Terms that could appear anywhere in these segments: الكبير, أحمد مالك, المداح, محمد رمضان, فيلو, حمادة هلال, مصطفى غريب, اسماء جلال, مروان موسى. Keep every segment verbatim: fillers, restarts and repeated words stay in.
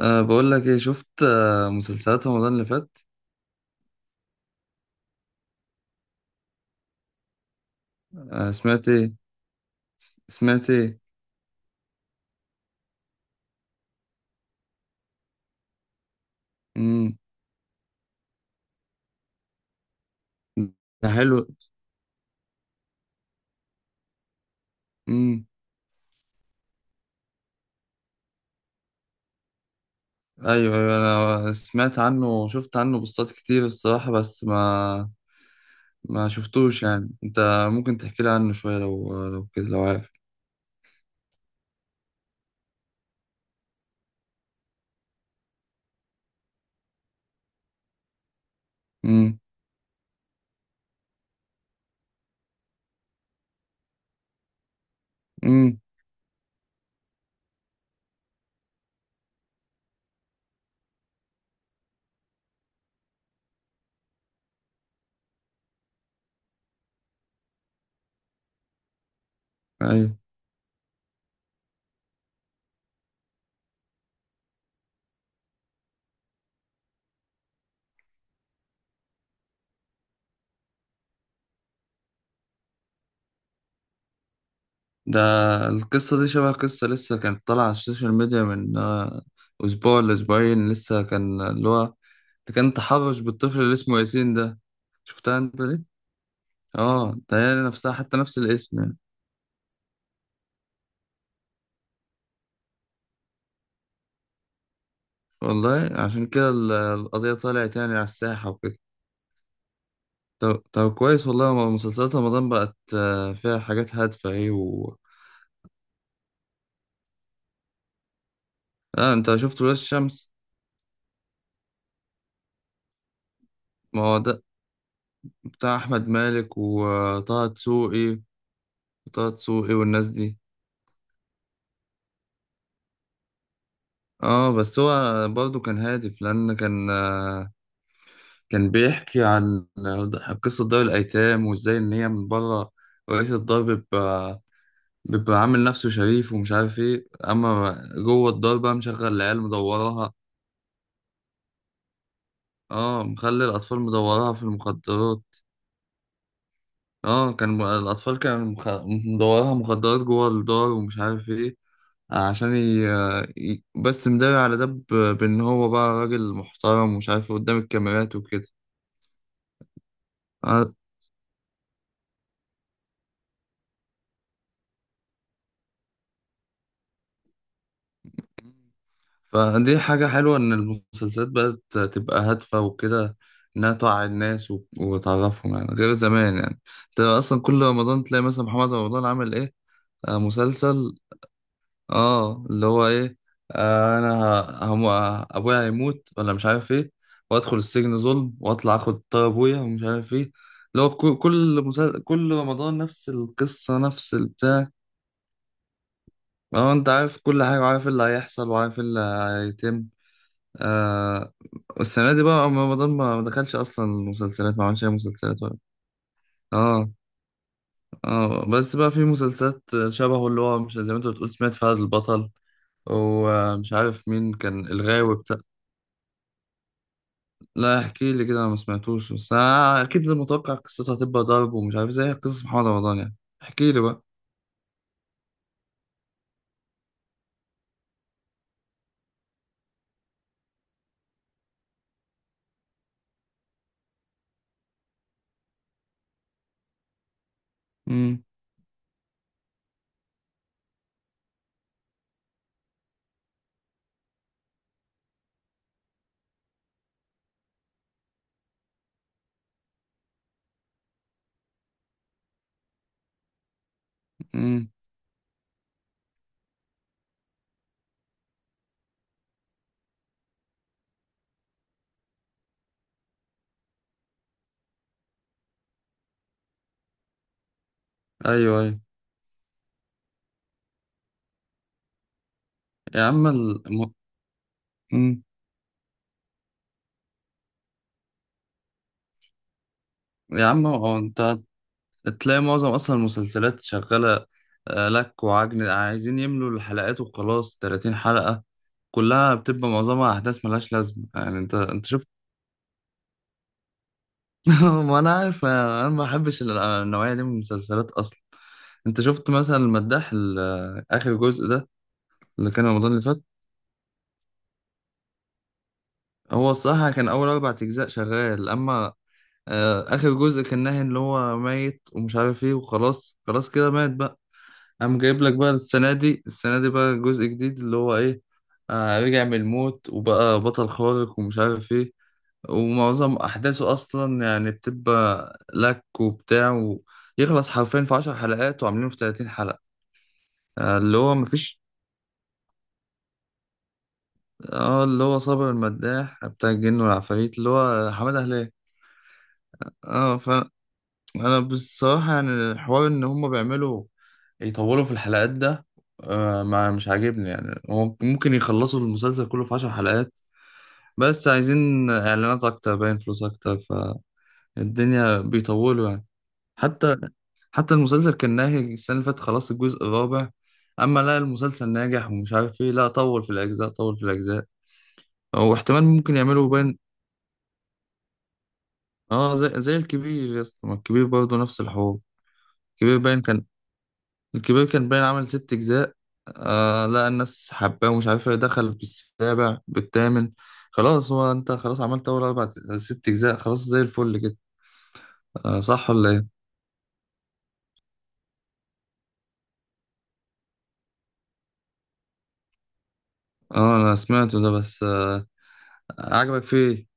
أه بقول لك ايه؟ شفت أه مسلسلات رمضان اللي فات؟ أه سمعت ايه؟ سمعت ايه؟ امم ده حلو. امم ايوه، ايوه، انا سمعت عنه وشفت عنه بوستات كتير الصراحة، بس ما ما شفتوش يعني انت. ممكن تحكي لي عنه شوية لو لو كده، لو عارف. امم امم ايوه. ده. القصة دي شبه قصة لسه كانت طالعة على السوشيال ميديا من آه، أسبوع لأسبوعين، لسه كان اللي هو اللي كان تحرش بالطفل اللي اسمه ياسين ده. شفتها أنت دي؟ اه، ده هي نفسها حتى، نفس الاسم يعني. والله عشان كده ال- القضية طلعت يعني على الساحة وكده. طب, طب كويس والله، ما مسلسلات رمضان بقت آه، فيها حاجات هادفة ايه و... آه، أنت شفت ولاد الشمس؟ ما هو ده، بتاع أحمد مالك وطه دسوقي. وطه دسوقي والناس دي. اه بس هو برضه كان هادف لان كان آه، كان بيحكي عن آه، قصة دار الايتام وازاي ان هي من بره رئيس الدار بيبقى بيبقى عامل نفسه شريف ومش عارف ايه، اما جوه الدار بقى مشغل العيال مدورها. اه مخلي الاطفال مدورها في المخدرات. اه كان م- الاطفال كانوا مخ... مدورها مخدرات جوه الدار ومش عارف ايه عشان ي... ي- بس مداري على ده ب- بان هو بقى راجل محترم ومش عارف إيه قدام الكاميرات وكده. آه، فدي حاجة حلوة إن المسلسلات بقت تبقى هادفة وكده، إنها توعي الناس و- وتعرفهم يعني، غير زمان يعني. أنت أصلا كل رمضان تلاقي مثلا محمد رمضان عامل إيه، آه مسلسل، آه اللي هو إيه، آه أنا، ه- هم أبويا هيموت ولا مش عارف إيه، وأدخل السجن ظلم وأطلع آخد طار أبويا ومش عارف إيه، اللي هو كل كل مسل... كل رمضان نفس القصة نفس البتاع. ما هو أنت عارف كل حاجة، وعارف إيه اللي هيحصل، وعارف إيه اللي هيتم. آه، والسنة دي بقى رمضان ما ما دخلش أصلا، المسلسلات ما عملش أي مسلسلات ولا. آه. آه بس بقى في مسلسلات شبهه، اللي هو مش زي ما أنت بتقول، سمعت فهد البطل ومش عارف مين كان الغاوي بتاع. لا، احكي لي كده أنا ما سمعتوش، بس أنا أكيد متوقع قصتها هتبقى ضرب ومش عارف، زي قصص محمد رمضان يعني. احكي لي بقى. امم امم أيوه، أيوه. يا عم الم... يا عم هو أنت تلاقي معظم اصلا المسلسلات شغاله، آه، لك وعجن، عايزين يملوا الحلقات وخلاص. تلاتين حلقة حلقه كلها بتبقى معظمها احداث ملهاش لازمه يعني، انت انت شفت. ما انا عارف، انا ما بحبش ال- النوعيه دي من المسلسلات اصلا. انت شفت مثلا المداح، ال- آه، اخر جزء ده اللي كان رمضان اللي فات؟ هو الصراحه كان اول اربع اجزاء شغال، اما آه، اخر جزء كان ناهي اللي هو ميت ومش عارف ايه، وخلاص خلاص كده مات بقى. قام جايب لك بقى السنة دي السنة دي بقى جزء جديد اللي هو إيه، آه رجع من الموت وبقى بطل خارق ومش عارف إيه. ومعظم أحداثه أصلا يعني بتبقى لك وبتاع، ويخلص حرفيا في عشر حلقات وعاملينه في تلاتين حلقة. آه اللي هو مفيش. آه اللي هو صابر المداح، بتاع الجن والعفاريت، اللي هو حمادة هلال. آه. انا بصراحه يعني الحوار ان هم بيعملوا يطولوا في الحلقات ده آه، ما مش عاجبني يعني. هو ممكن يخلصوا المسلسل كله في عشر حلقات، بس عايزين اعلانات اكتر، باين فلوس اكتر، فالدنيا بيطولوا يعني. حتى حتى المسلسل كان ناهي السنه اللي فاتت خلاص الجزء الرابع، اما لا المسلسل ناجح ومش عارف ايه، لا طول في الاجزاء، طول في الاجزاء، او احتمال ممكن يعملوا باين. اه زي زي الكبير يا اسطى، ما الكبير برضه نفس الحوار. الكبير باين كان الكبير كان باين عمل ست أجزاء. آه لا الناس حباه ومش عارف ايه، دخل بالسابع بالثامن. خلاص هو انت خلاص عملت أول أربع، ست أجزاء خلاص زي الفل كده، آه صح ولا ايه؟ اه أنا سمعته ده، بس آه، عجبك فيه؟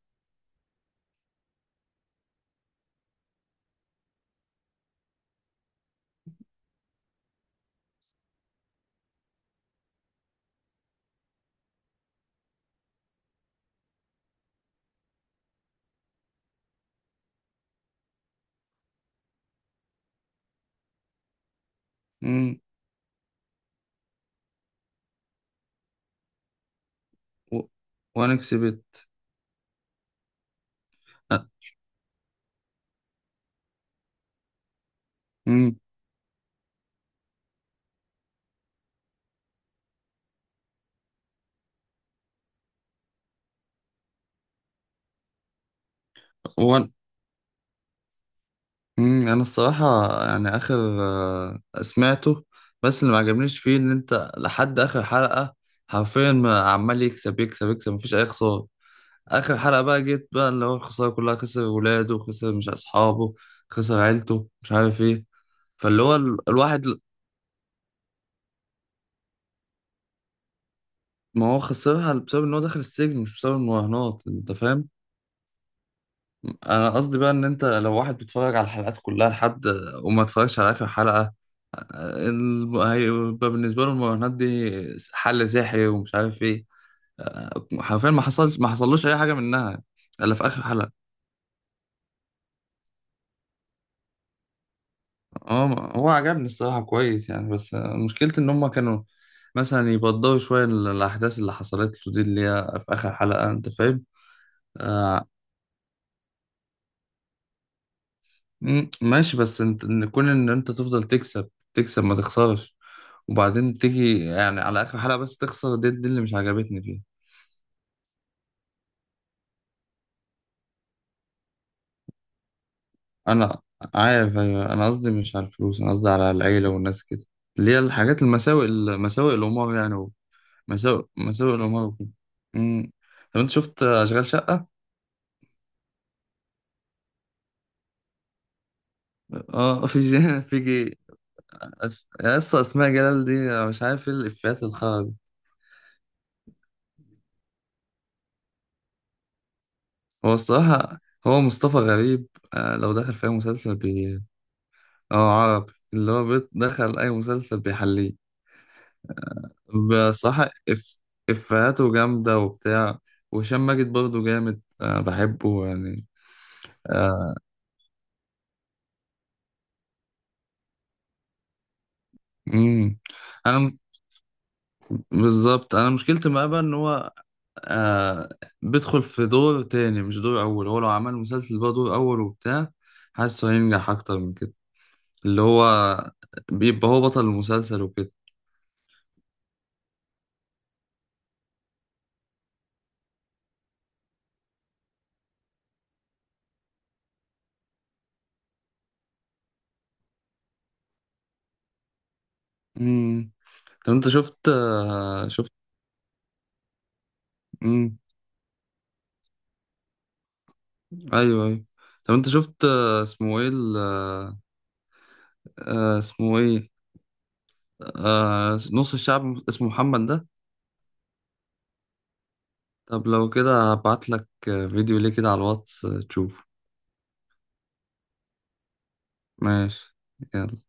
مم. و- وأنا كسبت. آه، مم. وأنا. مم. أنا الصراحة يعني آخر، آه سمعته، بس اللي ما عجبنيش فيه إن أنت لحد آخر حلقة حرفيا ما- عمال يكسب يكسب يكسب، مفيش أي خسارة. اخر حلقه بقى جيت بقى اللي هو الخساره كلها، خسر ولاده، خسر مش اصحابه، خسر عيلته، مش عارف ايه. فاللي هو ال... الواحد ل- ما هو خسرها بسبب ان هو دخل السجن مش بسبب المراهنات، انت فاهم؟ انا قصدي بقى ان انت لو واحد بيتفرج على الحلقات كلها لحد، وما اتفرجش على اخر حلقه، الم- هيبقى بالنسبه له المراهنات دي حل سحري ومش عارف ايه، آه، حرفيا ما حصلش ما حصلوش اي حاجه منها، الا في اخر حلقه. اه ما- هو عجبني الصراحة كويس يعني، بس آه، مشكلتي ان هم كانوا مثلا يبضوا شوية ال- الأحداث اللي حصلت له دي اللي هي في آخر حلقة، أنت فاهم؟ آه مم، ماشي، بس انت ان كون ان انت تفضل تكسب تكسب ما تخسرش، وبعدين تيجي يعني على آخر حلقة بس تخسر، دي, دي اللي مش عجبتني فيه. انا عارف أيوة، انا قصدي مش على الفلوس، انا قصدي على العيلة والناس كده، اللي هي الحاجات المساوئ، مساوئ الأمور يعني، مساوئ مساوئ الأمور وكده. مم. طب انت شفت أشغال شقة؟ اه في جي. في جي. أس... يا اسطى اسماء جلال دي أنا مش عارف ايه الافيهات الخرا دي. هو الصراحه، هو مصطفى غريب آه، لو دخل في اي مسلسل بي اه، عربي، اللي هو بيت دخل اي مسلسل بيحليه. بصراحه اف... افيهاته جامده وبتاع، وهشام ماجد برضه جامد آه، بحبه يعني. امم انا م- بالظبط انا مشكلتي معاه بقى ان هو آه بيدخل في دور تاني مش دور أول، هو لو عمل مسلسل بقى دور أول وبتاع، حاسه هينجح أكتر من كده، اللي هو بيبقى هو بطل المسلسل وكده. امم طب أنت شفت آه شفت. امم أيوه أيوه. طب أنت شفت آه اسمه إيه ال- آه آه، اسمه إيه، آه نص الشعب اسمه محمد ده. طب لو كده هبعتلك آه، فيديو ليه كده على الواتس آه، تشوفه. ماشي. يلا.